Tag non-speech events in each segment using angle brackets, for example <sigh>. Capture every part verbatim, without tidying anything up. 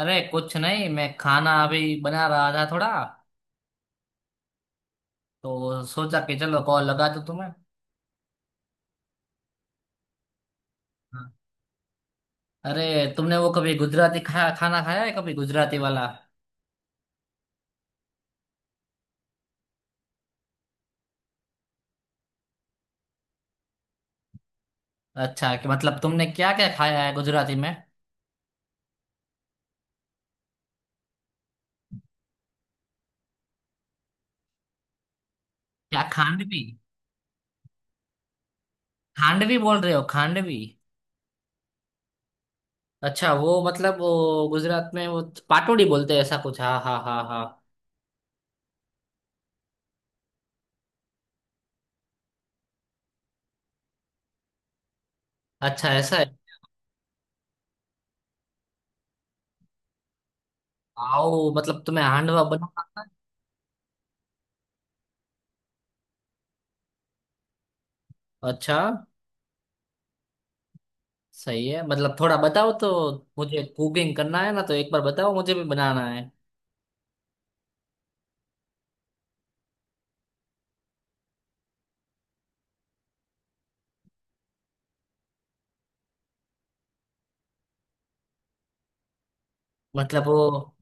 अरे कुछ नहीं, मैं खाना अभी बना रहा था थोड़ा, तो सोचा कि चलो कॉल लगा दूं तुम्हें। हाँ। अरे, तुमने वो कभी गुजराती खाया खाना खाया है कभी गुजराती वाला? अच्छा कि मतलब, तुमने क्या क्या खाया है गुजराती में? क्या, खांडवी? खांडवी बोल रहे हो, खांडवी? अच्छा, वो मतलब वो गुजरात में वो पाटोड़ी बोलते हैं ऐसा कुछ। हाँ हाँ हाँ हाँ। अच्छा, ऐसा है। आओ मतलब तुम्हें हांडवा बना। अच्छा। सही है, मतलब थोड़ा बताओ तो। मुझे कुकिंग करना है ना, तो एक बार बताओ, मुझे भी बनाना है। मतलब वो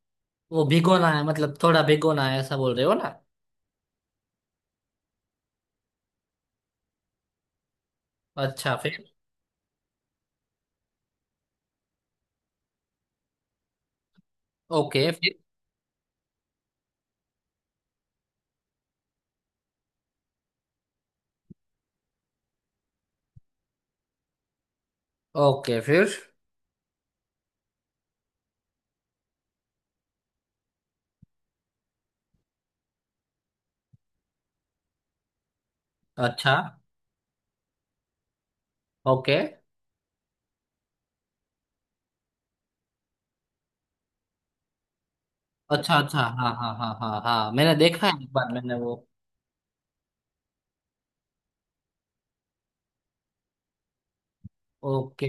वो भिगोना है, मतलब थोड़ा भिगोना है, ऐसा बोल रहे हो ना? अच्छा, फिर? ओके, फिर? ओके, फिर? अच्छा। ओके। अच्छा अच्छा, हाँ हाँ हाँ हाँ हाँ, मैंने देखा है एक बार मैंने वो। ओके।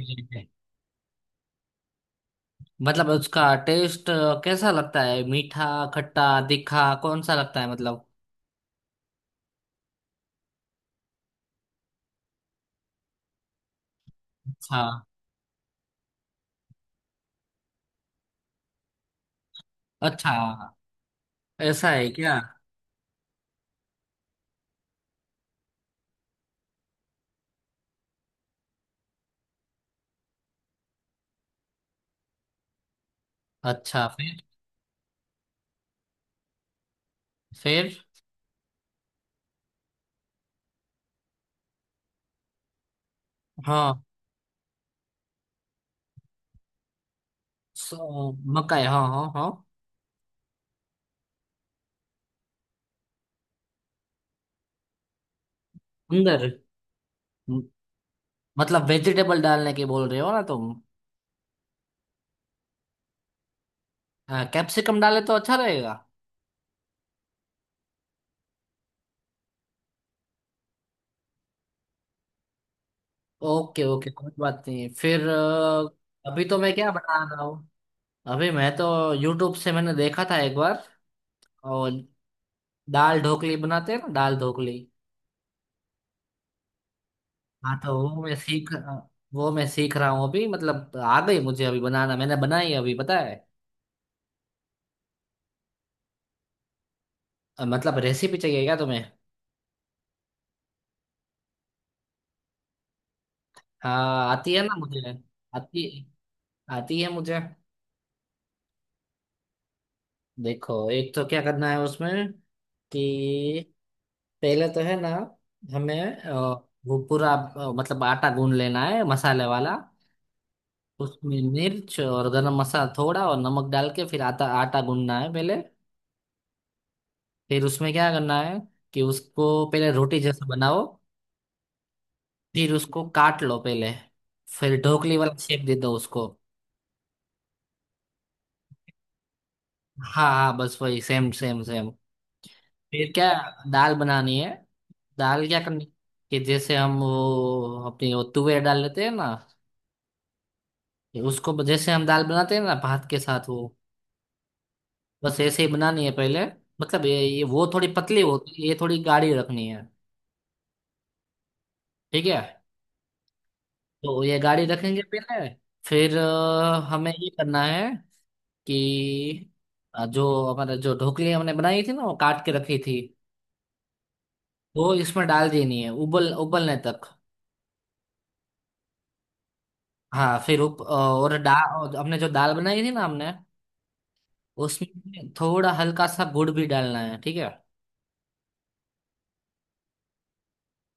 मतलब उसका टेस्ट कैसा लगता है? मीठा, खट्टा, तीखा, कौन सा लगता है मतलब? अच्छा। अच्छा, ऐसा है क्या? अच्छा, फिर? फिर? हाँ। सो, मकाई हाँ हाँ हाँ। अंदर, म- मतलब वेजिटेबल डालने की बोल रहे हो ना तुम? हाँ, कैप्सिकम डाले तो अच्छा रहेगा। ओके ओके, कोई बात नहीं फिर। अ, अभी तो मैं क्या बना रहा हूँ? अभी मैं तो यूट्यूब से मैंने देखा था एक बार, और दाल ढोकली बनाते हैं ना, दाल ढोकली। हाँ, तो वो मैं सीख अ, वो मैं सीख रहा हूँ अभी, मतलब आ गई मुझे अभी बनाना, मैंने बनाई अभी, पता है? अ, मतलब रेसिपी चाहिए क्या तुम्हें? हाँ, आती है ना मुझे। आती आती है मुझे। देखो, एक तो क्या करना है उसमें कि पहले तो है ना, हमें अ, वो पूरा, अ, मतलब आटा गूंद लेना है मसाले वाला। उसमें मिर्च और गरम मसाला थोड़ा और नमक डाल के फिर आटा आटा गूंदना है पहले। फिर उसमें क्या करना है कि उसको पहले रोटी जैसा बनाओ। फिर उसको काट लो पहले। फिर ढोकली वाला शेप दे दो उसको। हाँ हाँ, बस वही, सेम सेम सेम। फिर क्या, दाल बनानी है। दाल क्या करनी कि जैसे हम वो अपनी वो तुवे डाल लेते हैं ना। उसको ब- जैसे हम दाल बनाते हैं ना भात के साथ वो। बस ऐसे ही बनानी है पहले। मतलब ये ये वो थोड़ी पतली होती है, ये थोड़ी गाढ़ी रखनी है। ठीक है। तो ये गाढ़ी रखेंगे पहले। फिर अ, हमें ये करना है कि अ, जो हमारा जो ढोकली हमने बनाई थी ना, वो काट के रखी थी। वो इसमें डाल देनी है उबल उबलने तक। हाँ, फिर उप, अ, और दाल हमने जो दाल बनाई थी ना हमने, उसमें थोड़ा हल्का सा गुड़ भी डालना है। ठीक है।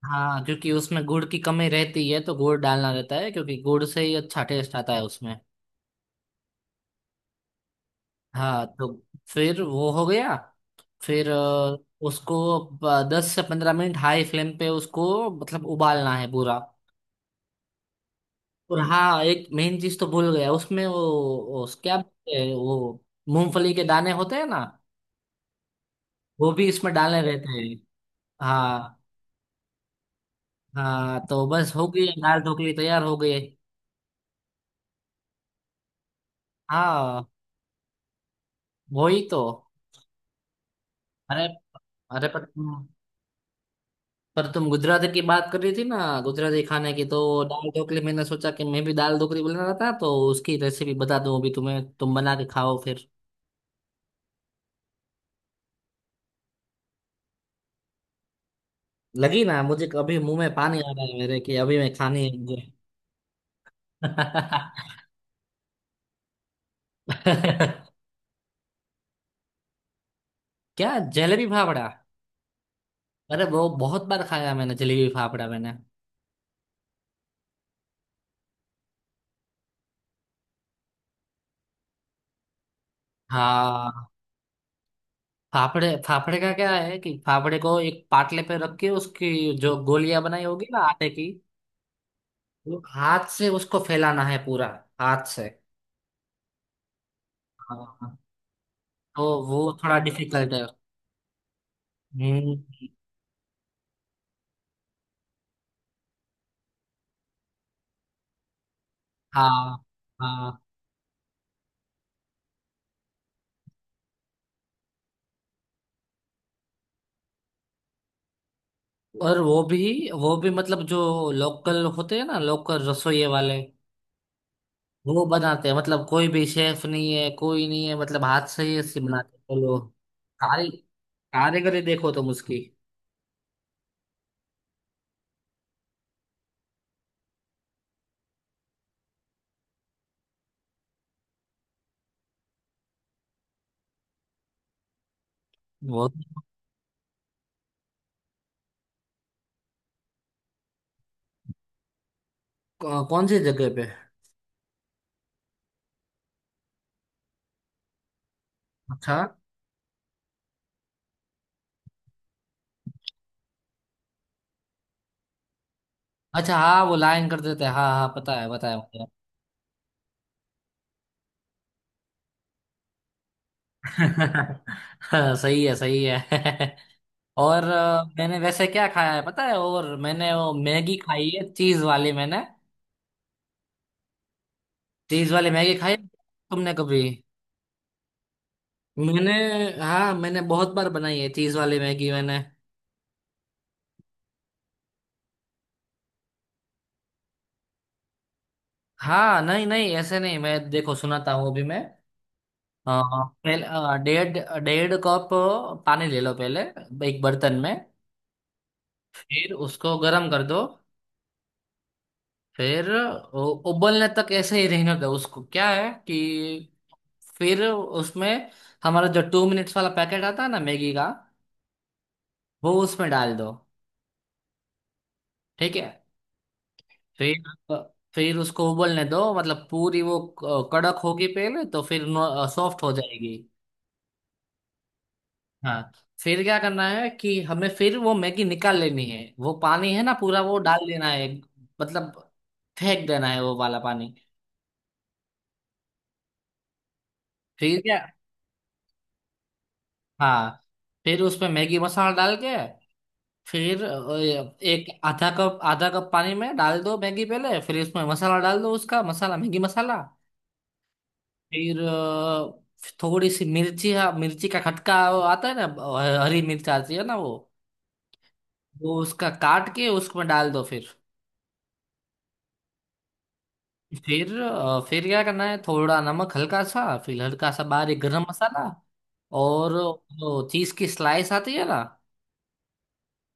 हाँ क्योंकि उसमें गुड़ की कमी रहती है, तो गुड़ डालना रहता है, क्योंकि गुड़ से ही अच्छा टेस्ट आता है उसमें। हाँ तो, फिर वो हो गया। फिर अ, उसको दस से पंद्रह मिनट हाई फ्लेम पे उसको मतलब उबालना है पूरा। और हाँ, एक मेन चीज तो भूल गया उसमें, वो, वो क्या बोलते हैं, वो मूंगफली के दाने होते हैं ना, वो भी इसमें डालने रहते हैं। हाँ। हाँ तो, बस हो गई, दाल ढोकली तैयार हो गई। हाँ, वही तो। अरे, अरे, पर पर तुम गुजराती की बात कर रही थी ना, गुजराती खाने की तो। दाल ढोकली, मैंने सोचा कि मैं भी दाल ढोकली बनाना था, तो उसकी रेसिपी बता दूं अभी तुम्हें, तुम बना के खाओ फिर। लगी ना मुझे, अभी मुंह में पानी आ रहा है मेरे कि अभी मैं खानी है मुझे। <laughs> क्या, जलेबी फाफड़ा? अरे वो बहुत बार खाया मैंने, जलेबी फाफड़ा मैंने। हाँ, फाफड़े फाफड़े का क्या है कि फाफड़े को एक पाटले पे रख के उसकी जो गोलियां बनाई होगी ना आटे की, वो हाथ से उसको फैलाना है पूरा, हाथ से। हाँ, तो वो थोड़ा डिफिकल्ट है। हम्म हाँ हाँ। और वो भी वो भी मतलब, जो लोकल होते हैं ना, लोकल रसोई वाले, वो बनाते हैं मतलब, कोई भी शेफ नहीं है, कोई नहीं है मतलब, हाथ से ही ऐसे बनाते हैं, बोलो। कारी कारीगरी देखो तुम उसकी। वो कौ- कौन सी जगह पे? अच्छा अच्छा, हाँ वो लाइन कर देते हैं, हाँ हाँ, पता है पता है मुझे। <laughs> हाँ, सही है सही है। <laughs> और अ, मैंने वैसे क्या खाया है पता है, और मैंने वो मैगी खाई है, चीज वाली मैंने। चीज वाली मैगी खाई है तुमने कभी? मैंने, हाँ, मैंने बहुत बार बनाई है चीज वाली मैगी, मैंने। हाँ नहीं नहीं, ऐसे नहीं, मैं देखो सुनाता हूँ अभी मैं अ, पहले अ, डेढ़ डेढ़ कप पानी ले लो पहले, एक बर्तन में। फिर उसको गर्म कर दो। फिर उ- उबलने तक ऐसे ही रहने दो उसको, क्या है कि फिर उसमें हमारा जो टू मिनट्स वाला पैकेट आता है ना, मैगी का, वो उसमें डाल दो। ठीक है। फिर आप- फिर उसको उबलने दो, मतलब पूरी वो क- कड़क होगी पहले, तो फिर सॉफ्ट हो जाएगी। हाँ, फिर क्या करना है कि हमें फिर वो मैगी निकाल लेनी है, वो पानी है ना पूरा, वो डाल देना है, मतलब फेंक देना है वो वाला पानी। फिर क्या, हाँ फिर उसमें मैगी मसाला डाल के, फिर अ, एक आधा कप आधा कप पानी में डाल दो मैगी पहले, फिर उसमें मसाला डाल दो, उसका मसाला, मैगी मसाला। फिर अ, थोड़ी सी मिर्ची, हाँ मिर्ची का खटका वो आता है ना, अ, हरी मिर्च आती है ना वो वो उसका काट के उसमें डाल दो फिर। फिर अ, फिर क्या करना है, थोड़ा नमक हल्का सा, फिर हल्का सा बारीक गरम मसाला, और वो चीज की स्लाइस आती है ना,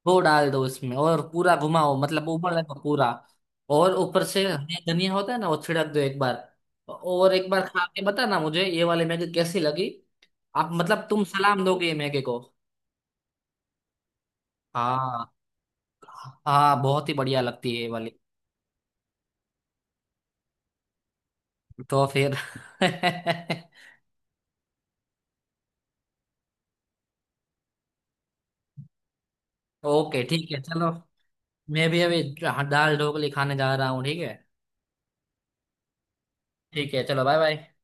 वो डाल दो उसमें और पूरा घुमाओ, मतलब उबलने को पूरा। और ऊपर से हरी धनिया होता है ना, वो छिड़क दो एक बार। और एक बार खा के बताना मुझे ये वाली मैगी कैसी लगी। आप मतलब तुम, सलाम दोगे ये मैगी को। हाँ। हाँ, बहुत ही बढ़िया लगती है ये वाली। तो फिर, <laughs> ओके ठीक है, चलो। मैं भी अभी, हाँ, दाल ढोकली खाने जा रहा हूँ, ठीक है। ठीक है, चलो बाय बाय।